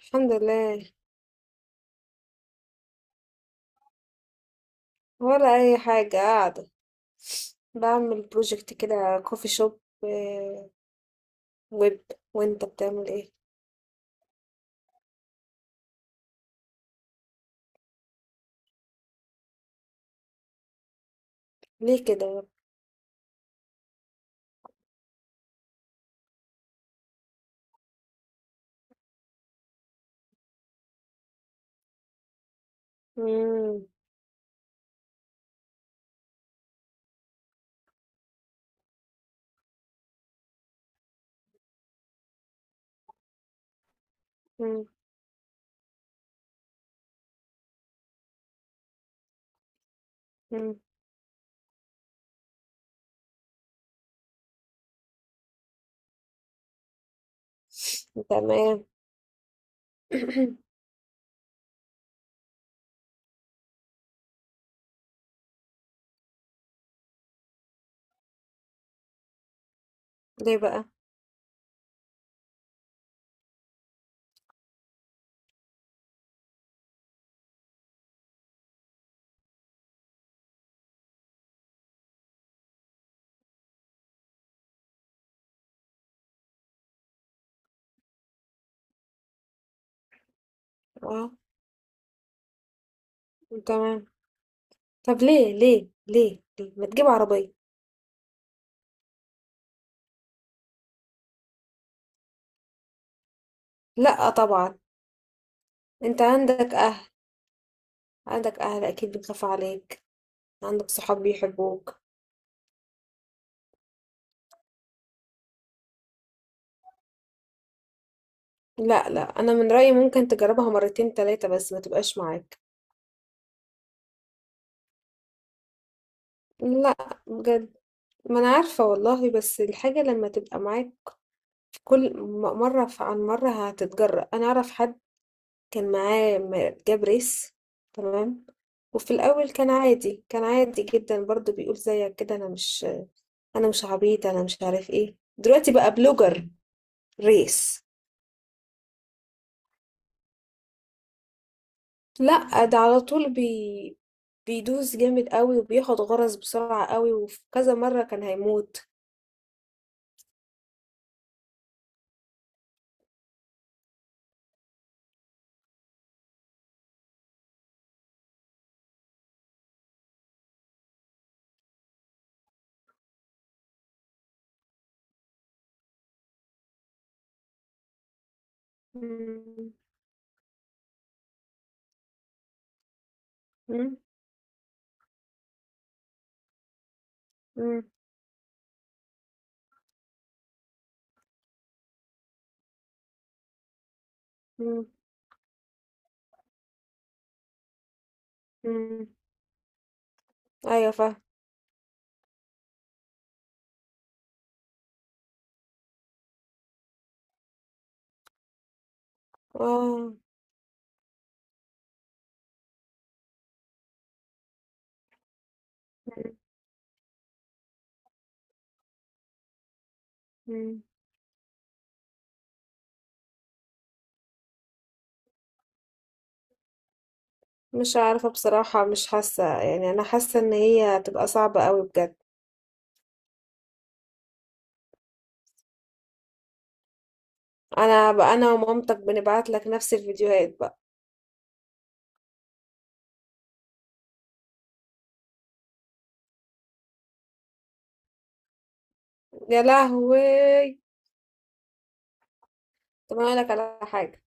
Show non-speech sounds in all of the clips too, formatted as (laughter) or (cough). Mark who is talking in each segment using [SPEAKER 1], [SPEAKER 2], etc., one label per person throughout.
[SPEAKER 1] الحمد لله. ولا اي حاجه، قاعده بعمل بروجكت كده، كوفي شوب ويب. وانت بتعمل ايه؟ ليه كده يا. مم. مم. مم. تمام. (coughs) (clears throat) ليه بقى؟ اه. تمام. طب ليه ما تجيب عربيه؟ لا طبعا. انت عندك اهل، عندك اهل اكيد بيخافوا عليك. عندك صحاب بيحبوك. لا، لا، انا من رايي ممكن تجربها مرتين تلاتة، بس ما تبقاش معاك. لا. بجد. ما أنا عارفة والله، بس الحاجة لما تبقى معاك في كل مرة عن مرة هتتجرأ. أنا أعرف حد كان معاه جاب ريس. تمام. وفي الأول كان عادي جدا برضو، بيقول زيك كده: أنا مش عبيط، أنا مش عارف إيه. دلوقتي بقى بلوجر ريس. لأ ده على طول بيدوس جامد قوي، وبياخد غرز بسرعة قوي، وفي كذا مرة كان هيموت. مم. مم. مم. مم. مم. أيوة فاهمة. اه. مم. مش عارفة بصراحة، مش حاسة يعني، أنا حاسة إن هي هتبقى صعبة قوي بجد. أنا بقى أنا ومامتك بنبعت لك نفس الفيديوهات بقى. يا لهوي. طب أنا أقولك على حاجة.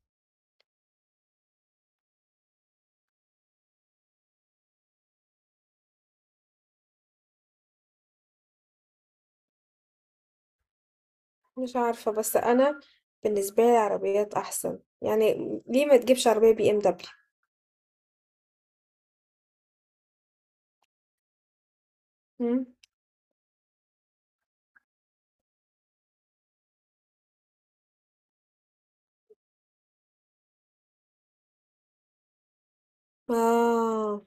[SPEAKER 1] مش عارفة، بس أنا بالنسبة لي العربيات أحسن يعني. ليه ما تجيبش عربية بي إم دبليو؟ آه.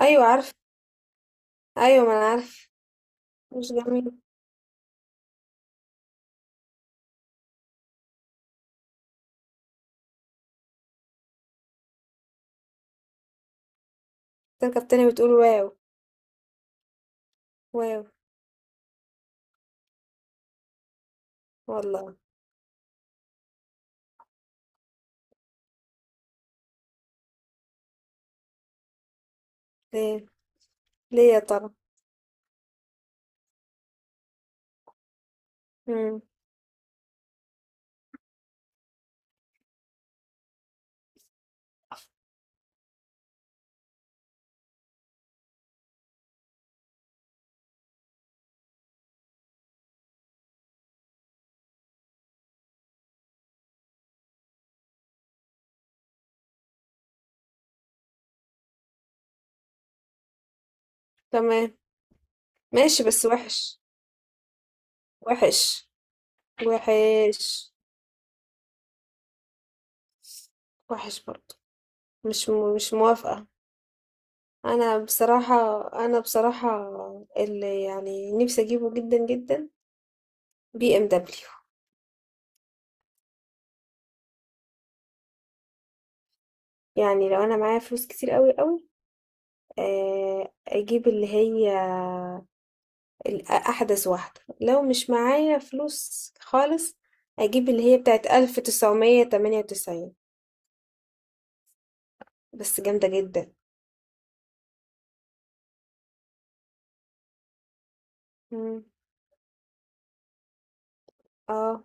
[SPEAKER 1] أيوة عارفة. أيوة ما أنا عارفة. مش جميل. تركب تاني بتقول واو؟ واو. والله. ليه؟ ليه يا ترى؟ مم. تمام. ماشي بس وحش. وحش. وحش. وحش برضه. مش موافقة. انا بصراحة انا بصراحة اللي يعني نفسي اجيبه جدا جدا، بي ام دبليو. يعني لو انا معايا فلوس كتير قوي قوي، اجيب اللي هي احدث واحدة. لو مش معايا فلوس خالص اجيب اللي هي بتاعت 1998. بس جامدة جدا. مم. اه.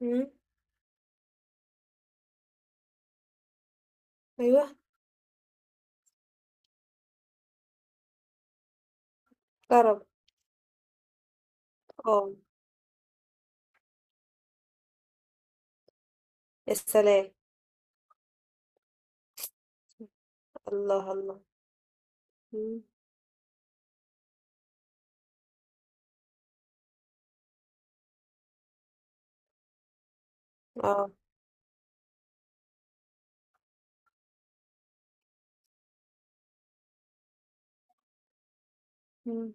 [SPEAKER 1] مم. ايوه. طرب. اه. السلام. الله الله. مم. اه. مم.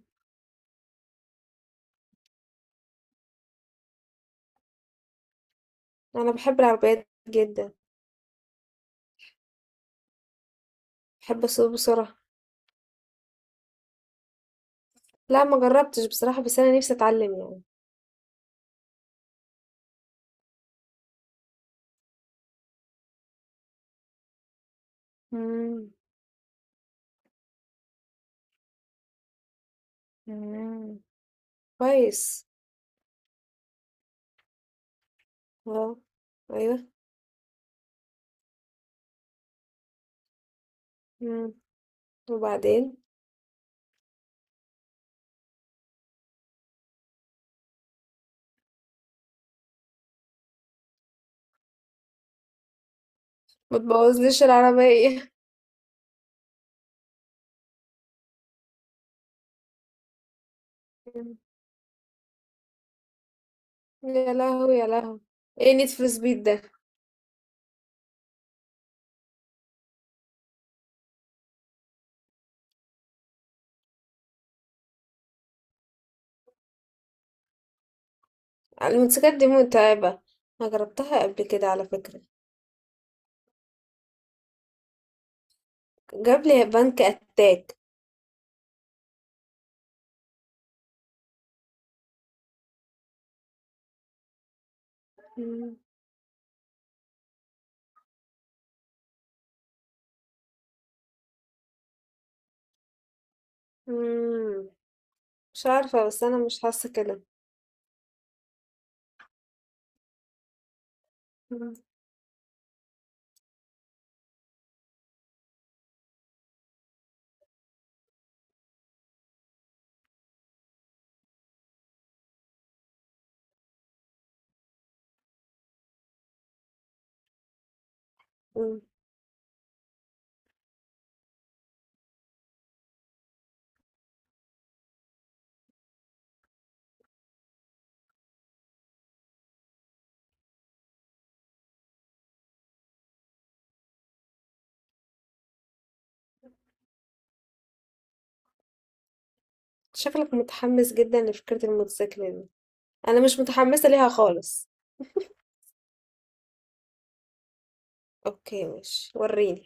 [SPEAKER 1] انا بحب العربيات جدا. بحب اسوق بسرعه. لا ما جربتش بصراحه، بس انا نفسي اتعلم يعني. مم. مم. كويس. اه. ايوه. مم. وبعدين؟ ما تبوظليش العربيه. مم. (laughs) يا لهوي يا لهوي. ايه نيد فور سبيد ده؟ الموتوسيكلات دي متعبه. انا جربتها قبل كده على فكره. جاب لي بنك اتاك. مم. مم. مش عارفه، بس انا مش حاسه كده. مم. شكلك متحمس جدا لفكرة الموتوسيكل دي. انا مش متحمسة ليها خالص. اوكي، ماشي وريني.